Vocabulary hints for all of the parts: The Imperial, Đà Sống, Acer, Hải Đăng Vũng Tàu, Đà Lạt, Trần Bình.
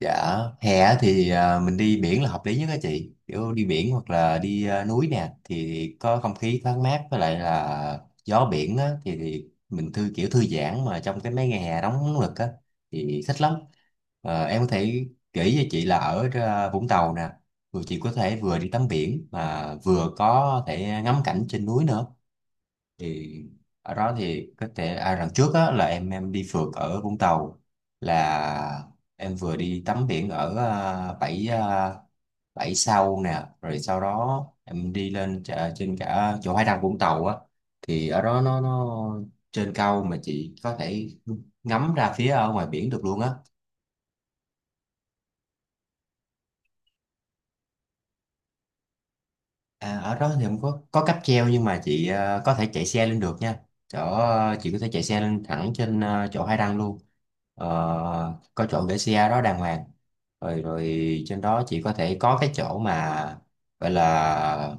Dạ, hè thì mình đi biển là hợp lý nhất đó chị. Kiểu đi biển hoặc là đi núi nè thì có không khí thoáng mát, với lại là gió biển á, thì mình kiểu thư giãn mà trong cái mấy ngày hè nóng lực á thì thích lắm. Em có thể kể cho chị là ở Vũng Tàu nè, rồi chị có thể vừa đi tắm biển mà vừa có thể ngắm cảnh trên núi nữa, thì ở đó thì có thể, lần trước á, là em đi phượt ở Vũng Tàu, là em vừa đi tắm biển ở à, bãi à, bãi sau nè, rồi sau đó em đi lên trên cả chỗ Hải Đăng Vũng Tàu á, thì ở đó nó trên cao mà chị có thể ngắm ra phía ở ngoài biển được luôn á. À, ở đó thì không có cáp treo, nhưng mà chị có thể chạy xe lên được nha. Chỗ chị có thể chạy xe lên thẳng trên chỗ hai đăng luôn. Ờ, có chỗ để xe đó đàng hoàng. Rồi rồi trên đó chị có thể có cái chỗ mà gọi là,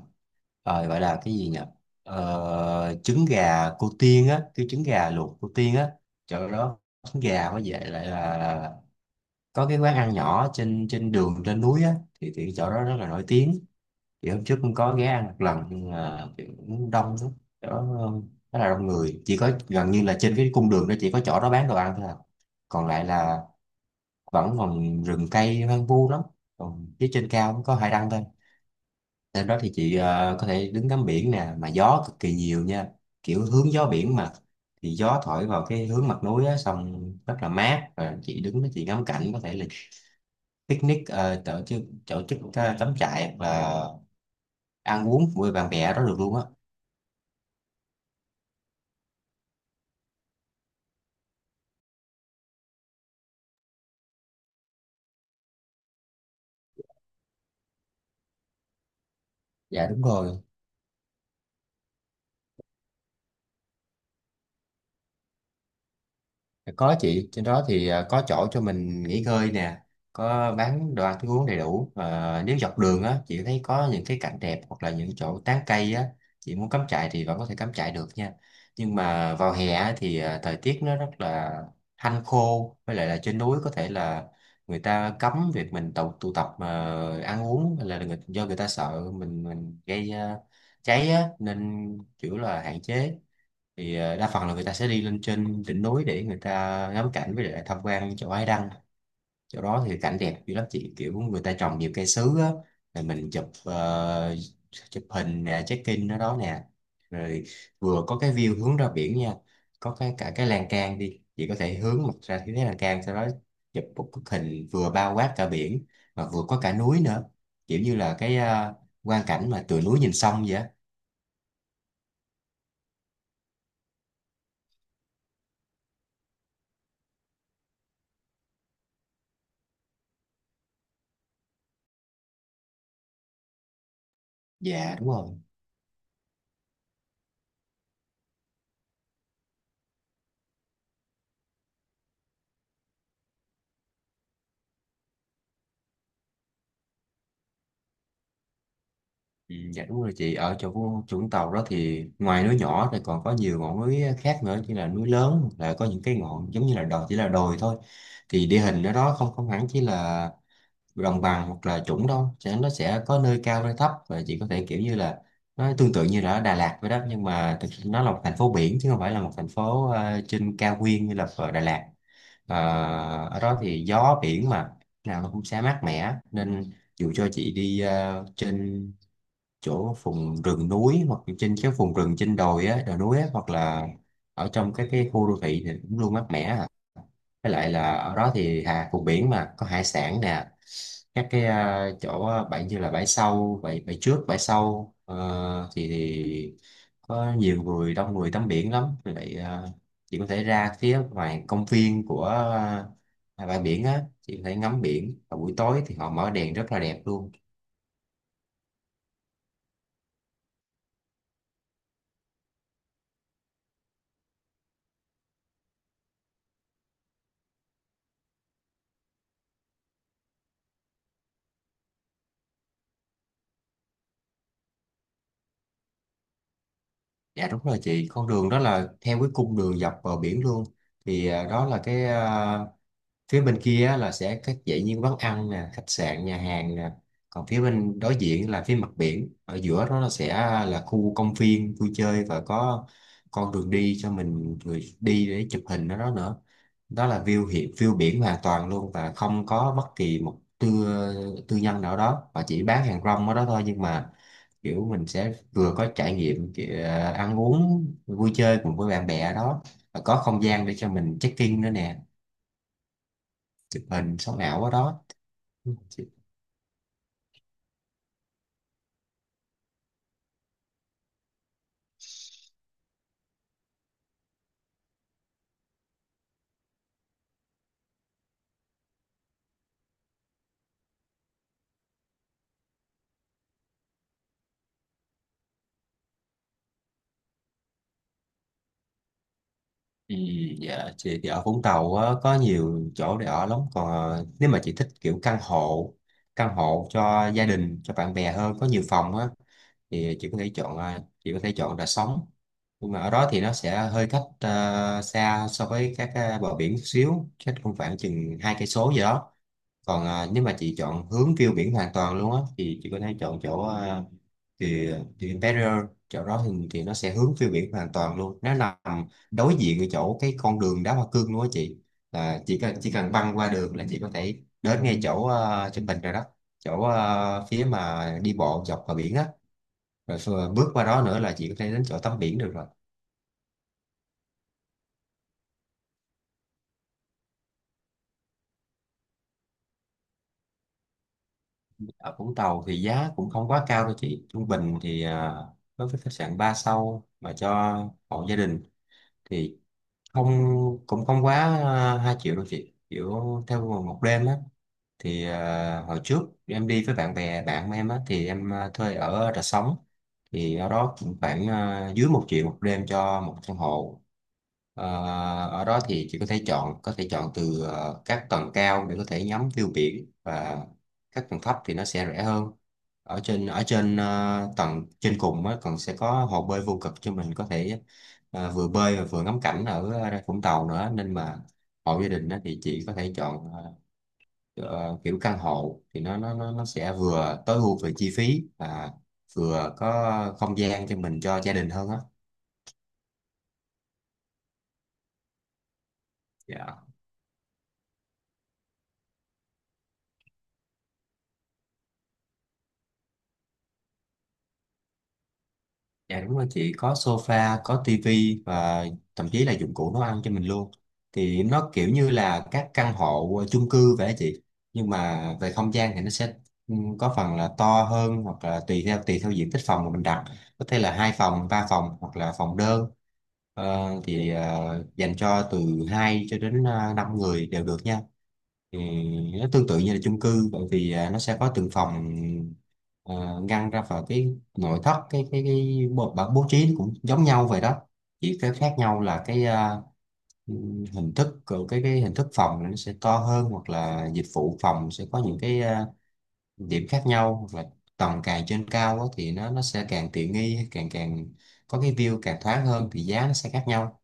ờ, gọi là cái gì nhỉ? Trứng gà cô Tiên á, cái trứng gà luộc cô Tiên á. Chỗ đó trứng gà với vậy lại là có cái quán ăn nhỏ trên trên đường trên núi á, thì chỗ đó rất là nổi tiếng, thì hôm trước cũng có ghé ăn một lần nhưng mà kiểu cũng đông lắm đó, rất là đông người, chỉ có gần như là trên cái cung đường đó chỉ có chỗ đó bán đồ ăn thôi à. Còn lại là vẫn còn rừng cây hoang vu lắm, còn phía trên cao cũng có hải đăng thôi. Trên đó thì chị có thể đứng ngắm biển nè, mà gió cực kỳ nhiều nha, kiểu hướng gió biển mà, thì gió thổi vào cái hướng mặt núi á, xong rất là mát, và chị đứng đó chị ngắm cảnh, có thể là picnic, tổ chức cắm trại và ăn uống với bạn bè đó được luôn á. Dạ đúng rồi, có chị, trên đó thì có chỗ cho mình nghỉ ngơi nè, có bán đồ ăn thức uống đầy đủ. Và nếu dọc đường á, chị thấy có những cái cảnh đẹp hoặc là những chỗ tán cây á, chị muốn cắm trại thì vẫn có thể cắm trại được nha. Nhưng mà vào hè á, thì thời tiết nó rất là hanh khô, với lại là trên núi có thể là người ta cấm việc mình tụ tập mà ăn uống, hay là do người ta sợ mình gây cháy á, nên kiểu là hạn chế. Thì đa phần là người ta sẽ đi lên trên đỉnh núi để người ta ngắm cảnh, với lại tham quan chỗ Ái Đăng. Chỗ đó thì cảnh đẹp dữ lắm chị, kiểu người ta trồng nhiều cây sứ á, rồi mình chụp hình nè, check in ở đó nè, rồi vừa có cái view hướng ra biển nha, có cái cả cái lan can, đi chị có thể hướng mặt ra phía cái lan can, sau đó chụp một bức hình vừa bao quát cả biển mà vừa có cả núi nữa, kiểu như là cái quang cảnh mà từ núi nhìn sông vậy á. Dạ đúng rồi. Ừ, dạ đúng rồi chị. Ở chỗ Vũng Vũng Tàu đó thì ngoài núi nhỏ thì còn có nhiều ngọn núi khác nữa, như là núi lớn, hoặc là có những cái ngọn giống như là đồi, chỉ là đồi thôi. Thì địa hình ở đó không không hẳn chỉ là đồng bằng hoặc là trũng đâu, nó sẽ có nơi cao nơi thấp, và chị có thể kiểu như là, nó tương tự như là ở Đà Lạt vậy đó, nhưng mà thực sự nó là một thành phố biển chứ không phải là một thành phố trên cao nguyên như là ở Đà Lạt. Ờ, ở đó thì gió biển mà, nào nó cũng sẽ mát mẻ, nên dù cho chị đi trên chỗ vùng rừng núi, hoặc trên cái vùng rừng trên đồi á, đồi núi á, hoặc là ở trong cái khu đô thị thì cũng luôn mát mẻ à. Với lại là ở đó thì hà vùng biển mà có hải sản nè, các cái chỗ bãi, như là bãi sau, bãi bãi trước, bãi sau thì có nhiều người, đông người tắm biển lắm. Vì vậy chị có thể ra phía ngoài công viên của bãi biển á, chị có thể ngắm biển, và buổi tối thì họ mở đèn rất là đẹp luôn. Dạ đúng rồi chị, con đường đó là theo cái cung đường dọc bờ biển luôn. Thì đó là cái, phía bên kia á là sẽ các dãy những quán ăn nè, khách sạn nhà hàng nè, còn phía bên đối diện là phía mặt biển, ở giữa đó là sẽ là khu công viên vui chơi, và có con đường đi cho mình, người đi để chụp hình ở đó nữa, đó là view biển hoàn toàn luôn, và không có bất kỳ một tư tư nhân nào đó, và chỉ bán hàng rong ở đó thôi, nhưng mà kiểu mình sẽ vừa có trải nghiệm kiểu ăn uống vui chơi cùng với bạn bè ở đó, và có không gian để cho mình check in nữa nè, chụp hình sống ảo ở đó chị. Ừ, dạ chị, thì ở Vũng Tàu á, có nhiều chỗ để ở lắm. Còn nếu mà chị thích kiểu căn hộ cho gia đình cho bạn bè hơn, có nhiều phòng á, thì chị có thể chọn Đà Sống, nhưng mà ở đó thì nó sẽ hơi cách xa so với các bờ biển chút xíu, cách cũng khoảng chừng 2 cây số gì đó. Còn nếu mà chị chọn hướng view biển hoàn toàn luôn á thì chị có thể chọn chỗ thì The Imperial. Chỗ đó thì nó sẽ hướng phiêu biển hoàn toàn luôn, nó nằm đối diện cái chỗ cái con đường đá hoa cương luôn á chị, là chỉ cần băng qua đường là chị có thể đến ngay chỗ Trần Bình rồi đó, chỗ phía mà đi bộ dọc bờ biển á, rồi bước qua đó nữa là chị có thể đến chỗ tắm biển được rồi. Ở Vũng Tàu thì giá cũng không quá cao đâu chị, trung bình thì đối với khách sạn 3 sao mà cho hộ gia đình thì không cũng không quá 2 triệu đâu chị, kiểu theo một đêm á. Thì hồi trước em đi với bạn em á, thì em thuê ở Rà Sống, thì ở đó cũng khoảng dưới 1 triệu một đêm cho một căn hộ. Ờ, ở đó thì chị có thể chọn từ các tầng cao để có thể ngắm view biển, và các tầng thấp thì nó sẽ rẻ hơn. Ở trên tầng trên cùng á còn sẽ có hồ bơi vô cực cho mình có thể vừa bơi và vừa ngắm cảnh ở Vũng Tàu nữa, nên mà hộ gia đình á, thì chị có thể chọn kiểu căn hộ thì nó sẽ vừa tối ưu về chi phí và vừa có không gian cho mình cho gia đình hơn á. Dạ. Dạ đúng rồi chị, có sofa, có tivi và thậm chí là dụng cụ nấu ăn cho mình luôn. Thì nó kiểu như là các căn hộ chung cư vậy á chị. Nhưng mà về không gian thì nó sẽ có phần là to hơn, hoặc là tùy theo diện tích phòng mà mình đặt. Có thể là hai phòng, ba phòng hoặc là phòng đơn. Dành cho từ 2 cho đến 5 người đều được nha, thì nó tương tự như là chung cư, bởi vì nó sẽ có từng phòng à, ngăn ra vào. Cái nội thất, cái bố, bố bố trí cũng giống nhau vậy đó. Chỉ cái khác nhau là hình thức, của cái hình thức phòng nó sẽ to hơn, hoặc là dịch vụ phòng sẽ có những điểm khác nhau, hoặc là tầng càng trên cao á thì nó sẽ càng tiện nghi, càng càng có cái view càng thoáng hơn, thì giá nó sẽ khác nhau.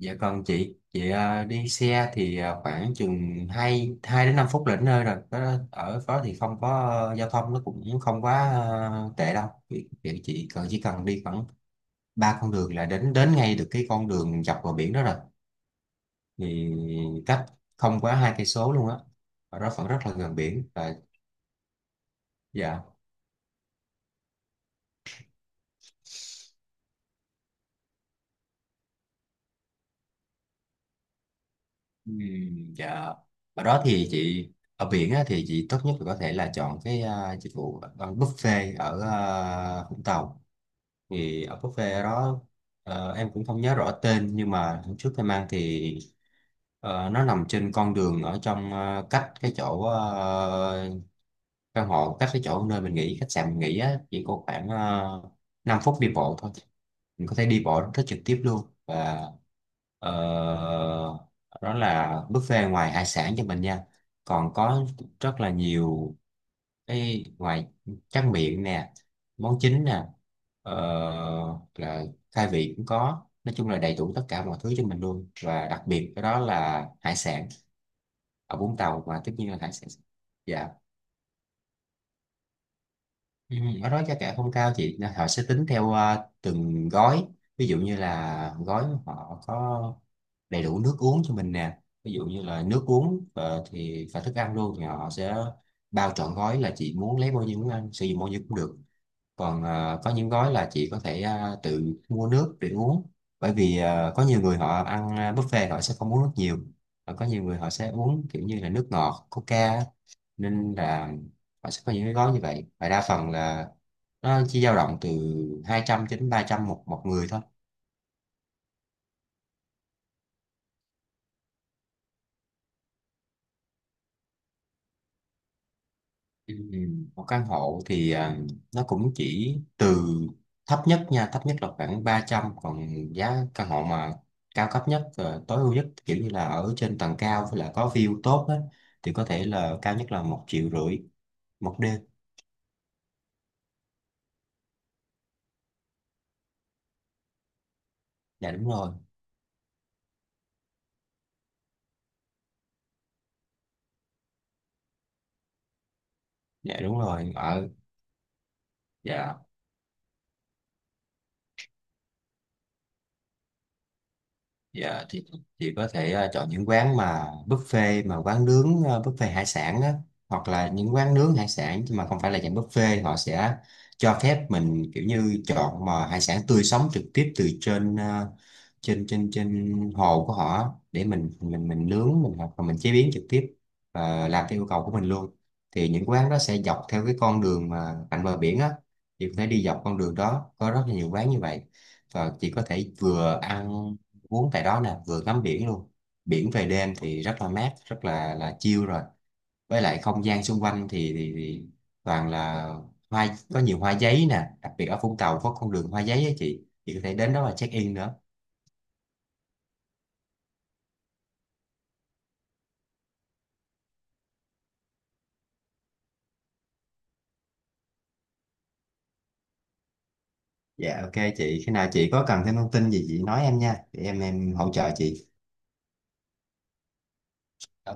Dạ còn chị, đi xe thì khoảng chừng 2 đến 5 phút là đến nơi rồi. Đó, ở đó thì không có giao thông nó cũng không quá tệ đâu. Vì, vì chị cần chỉ cần đi khoảng ba con đường là đến đến ngay được cái con đường dọc vào biển đó rồi. Thì cách không quá 2 cây số luôn á. Ở đó vẫn rất là gần biển và. Dạ. Dạ. Ở đó thì chị, ở biển á, thì chị tốt nhất là có thể là chọn cái dịch vụ, buffet ở Vũng Tàu. Thì ở buffet đó, em cũng không nhớ rõ tên, nhưng mà hôm trước em ăn thì, nó nằm trên con đường ở trong, cách cái chỗ, căn hộ, cách cái chỗ nơi mình nghỉ, khách sạn mình nghỉ á, chỉ có khoảng uh, 5 phút đi bộ thôi. Mình có thể đi bộ rất trực tiếp luôn, và ờ, đó là buffet, ngoài hải sản cho mình nha, còn có rất là nhiều cái, ngoài tráng miệng nè, món chính nè, ờ, là khai vị cũng có. Nói chung là đầy đủ tất cả mọi thứ cho mình luôn, và đặc biệt cái đó là hải sản. Ở Vũng Tàu mà, tất nhiên là hải sản. Dạ. ừ, Ở đó giá cả không cao chị. Nên họ sẽ tính theo từng gói. Ví dụ như là gói họ có đầy đủ nước uống cho mình nè, ví dụ như là nước uống thì và thức ăn luôn, thì họ sẽ bao trọn gói, là chị muốn lấy bao nhiêu, muốn ăn sử dụng bao nhiêu cũng được. Còn có những gói là chị có thể tự mua nước để uống. Bởi vì có nhiều người họ ăn buffet họ sẽ không uống nước nhiều, và có nhiều người họ sẽ uống kiểu như là nước ngọt coca á. Nên là họ sẽ có những cái gói như vậy, và đa phần là nó chỉ dao động từ 200 cho đến 300 một một người thôi. Ừ, Một căn hộ thì nó cũng chỉ từ thấp nhất nha, thấp nhất là khoảng 300. Còn giá căn hộ mà cao cấp nhất, tối ưu nhất, kiểu như là ở trên tầng cao, với lại có view tốt á, thì có thể là cao nhất là 1,5 triệu một đêm. Dạ đúng rồi. Dạ đúng rồi. Dạ. Dạ thì chị có thể chọn những quán mà buffet, mà quán nướng, buffet hải sản á, hoặc là những quán nướng hải sản nhưng mà không phải là dạng buffet. Họ sẽ cho phép mình kiểu như chọn mà hải sản tươi sống trực tiếp từ trên à, trên trên trên hồ của họ á, để mình nướng mình, hoặc là mình chế biến trực tiếp và làm theo yêu cầu của mình luôn. Thì những quán đó sẽ dọc theo cái con đường mà cạnh bờ biển á, thì có thể đi dọc con đường đó, có rất là nhiều quán như vậy. Và chị có thể vừa ăn uống tại đó nè, vừa ngắm biển luôn. Biển về đêm thì rất là mát, rất là chill rồi. Với lại không gian xung quanh thì, toàn là hoa, có nhiều hoa giấy nè. Đặc biệt ở Vũng Tàu có con đường hoa giấy á chị có thể đến đó và check in nữa. Dạ ok chị, khi nào chị có cần thêm thông tin gì chị nói em nha, để em hỗ trợ chị.